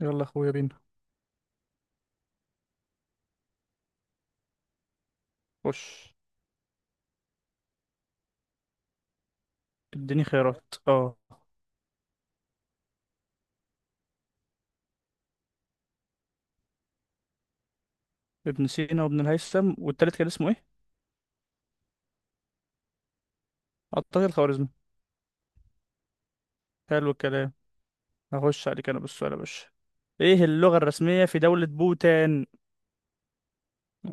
يلا يا اخويا بينا. خش، اديني خيارات اه. ابن سينا وابن الهيثم والتالت كان اسمه ايه؟ اعتقد الخوارزمي. حلو الكلام. هخش عليك انا بالسؤال يا باشا. ايه اللغة الرسمية في دولة بوتان؟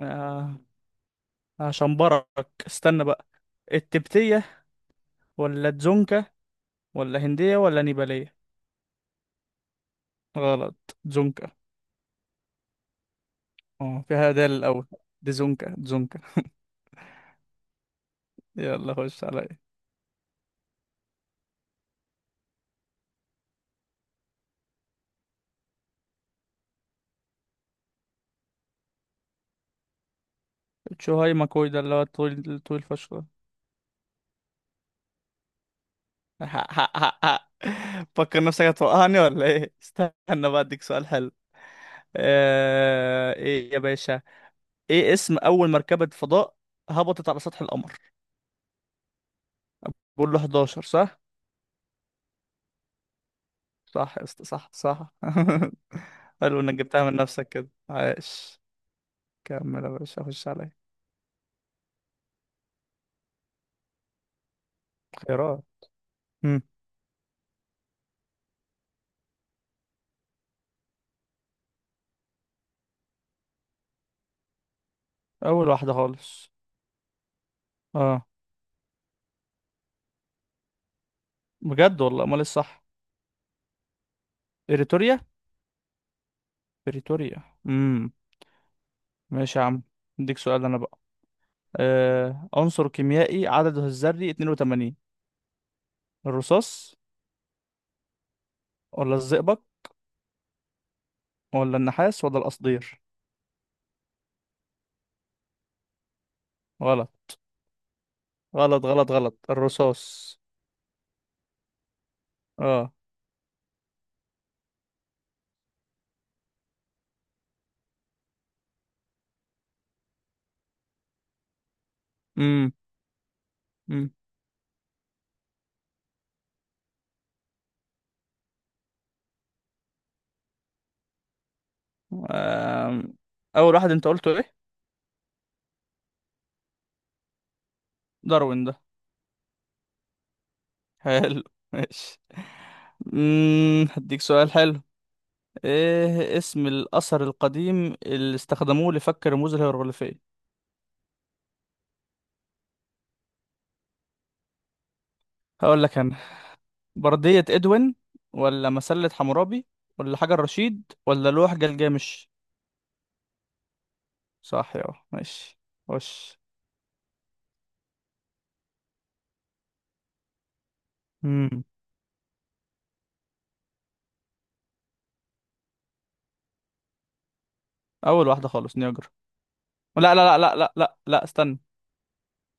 آه هشنبرك. استنى بقى. التبتية، ولا تزونكا، ولا هندية، ولا نيبالية؟ غلط. تزونكا. اه، فيها دال الاول. دزونكا، تزونكا. يلا خش عليا. تشوهاي ماكوي ده اللي هو الطويل الطويل فشخ. حق حق حق حق. فكر نفسك هتوقعني ولا ايه؟ استنى بقى اديك سؤال حلو. ايه يا باشا. ايه اسم اول مركبة فضاء هبطت على سطح القمر؟ بقول له 11 صح. صح يا اسطى، صح صح. حلو انك جبتها من نفسك كده، عاش. كمل يا باشا، خش عليا. خيرات. مم. اول واحدة خالص اه. بجد والله؟ امال إيه الصح؟ بريتوريا. بريتوريا. امم. ماشي يا عم. اديك سؤال انا بقى. عنصر كيميائي عدده الذري 82. الرصاص، ولا الزئبق، ولا النحاس، ولا القصدير؟ غلط غلط غلط غلط. الرصاص. اه. امم امم آم، اول واحد انت قلته ايه؟ داروين ده. حلو. ماشي. هديك سؤال حلو. ايه اسم الاثر القديم اللي استخدموه لفك الرموز الهيروغليفية؟ هقول لك انا. بردية ادوين، ولا مسلة حمورابي، ولا حجر رشيد، ولا لوح جلجامش؟ صح يا. ماشي. وش. امم اول واحده خالص نياجرا. لا لا لا لا لا لا لا، استنى.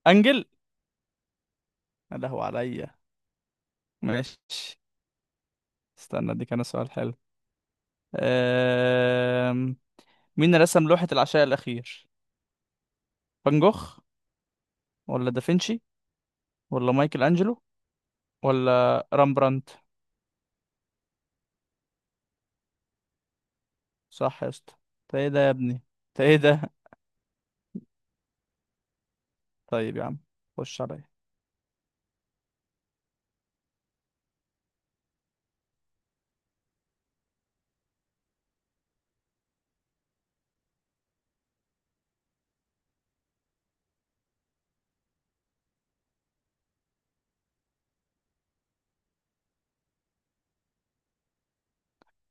انجل. يا لهو عليا. ماشي. استنى دي كان سؤال حلو. أم... مين رسم لوحة العشاء الأخير؟ فان جوخ، ولا دافنشي، ولا مايكل أنجلو، ولا رامبرانت؟ صح يا اسطى. انت ايه ده يا ابني؟ انت ايه ده؟ طيب يا عم. خش عليا.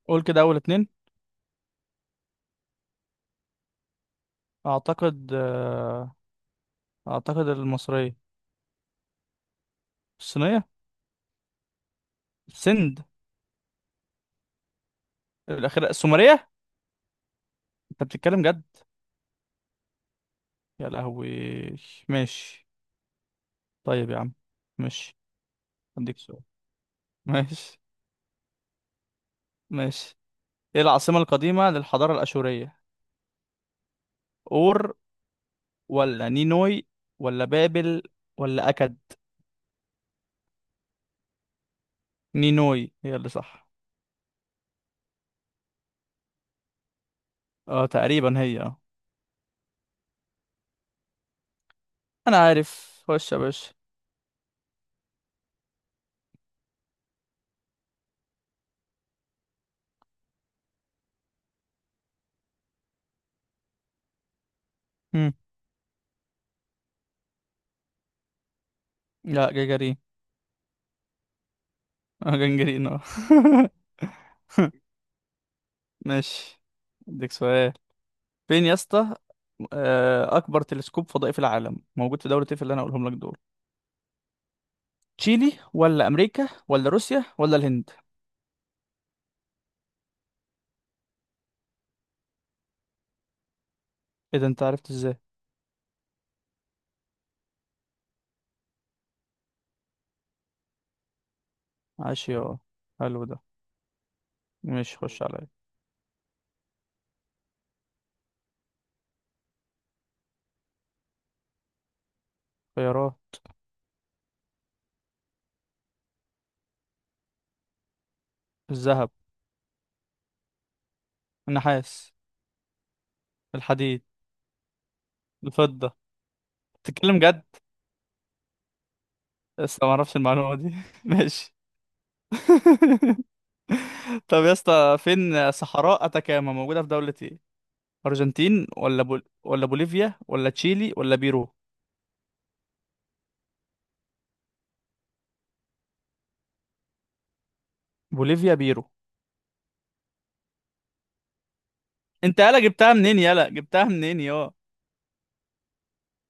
قول كده اول اتنين. اعتقد آه، اعتقد المصرية. الصينية. السند. الأخيرة السومرية. انت بتتكلم جد؟ يا لهوي. ماشي. طيب يا عم. ماشي. اديك سؤال. ماشي. ماشي. ايه العاصمة القديمة للحضارة الأشورية؟ اور، ولا نينوي، ولا بابل، ولا أكد؟ نينوي هي اللي صح. اه تقريبا هي اه. انا عارف. خش يا باشا. مم. لا، جاجارين. اه جنجرين اه. ماشي. اديك سؤال. فين يا اسطى؟ اكبر تلسكوب فضائي في العالم موجود في دولة ايه في اللي انا هقولهم لك دول؟ تشيلي، ولا امريكا، ولا روسيا، ولا الهند؟ ايه ده انت عرفت ازاي؟ عاش يا. حلو ده. ماشي خش عليا. خيارات. الذهب. النحاس. الحديد. الفضة. تتكلم جد؟ لسه ما اعرفش المعلومة دي. ماشي. طب يا اسطى، فين صحراء اتاكاما موجودة في دولة ايه؟ ارجنتين، ولا بوليفيا، ولا تشيلي، ولا بيرو؟ بوليفيا بيرو. انت يالا جبتها منين؟ يالا جبتها منين يا.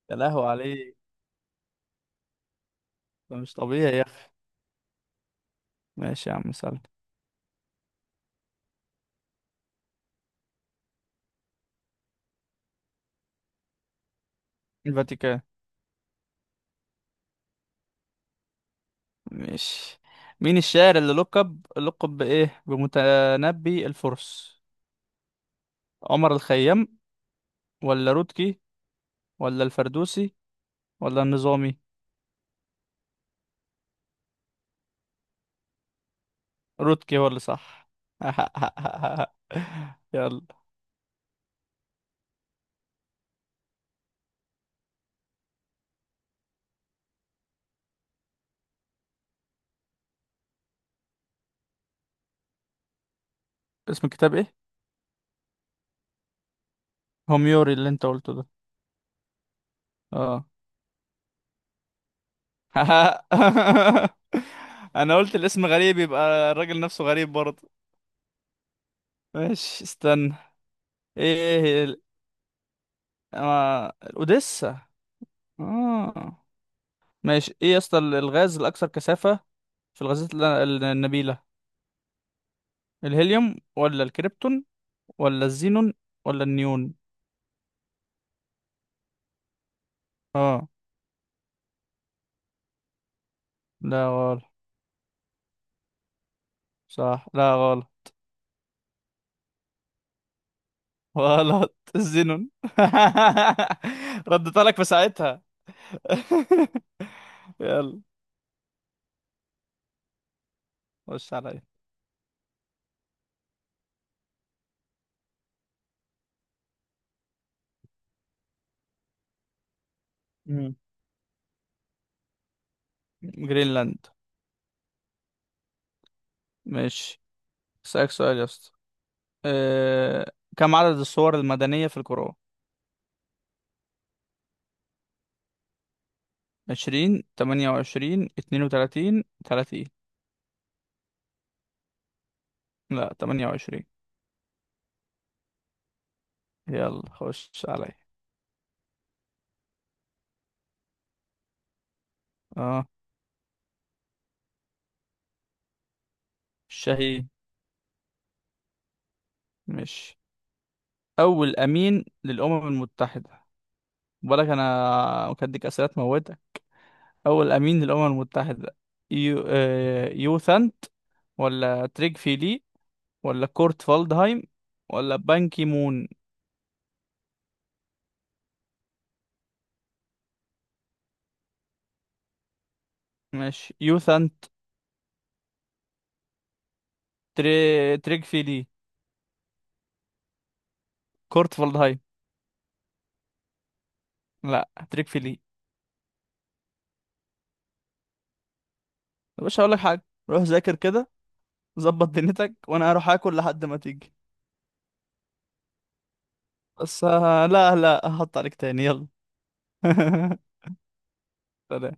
يا لهوي عليك. ده مش طبيعي يا اخي. ماشي يا عم، سلام. الفاتيكان. مش. مين الشاعر اللي لقب بإيه بمتنبي الفرس؟ عمر الخيام، ولا رودكي، ولا الفردوسي، ولا النظامي؟ رودكي هو اللي صح. يلا. اسم الكتاب ايه؟ هوميوري اللي انت قلته ده. اه. انا قلت الاسم غريب يبقى الراجل نفسه غريب برضه. ماشي استنى. ايه الاوديسا. اه. ماشي. ايه يا اسطى، الغاز الاكثر كثافة في الغازات النبيلة. الهيليوم، ولا الكريبتون، ولا الزينون، ولا النيون؟ اه لا غلط. صح. لا غلط. غلط. الزينون. ردت لك في ساعتها. يلا خش عليا. مم. جرينلاند. ماشي. اسألك سؤال يا اسطى. كم عدد الصور المدنية في القرآن؟ 20، 28، 32، 30. لا، 28. يلا خش عليا. اه الشهي. مش. اول امين للامم المتحده؟ بالك انا مكدك اسئله موتك. اول امين للامم المتحده. يو ثانت، ولا تريج فيلي، ولا كورت فالدهايم، ولا بان كي مون؟ ماشي يو ثانت. تريج فيلي. كورت فالدهايم. لا، تريج فيلي. يا باشا هقول لك حاجه. روح ذاكر كده. ظبط دنيتك وانا هروح اكل لحد ما تيجي. بس لا لا هحط عليك تاني. يلا. سلام.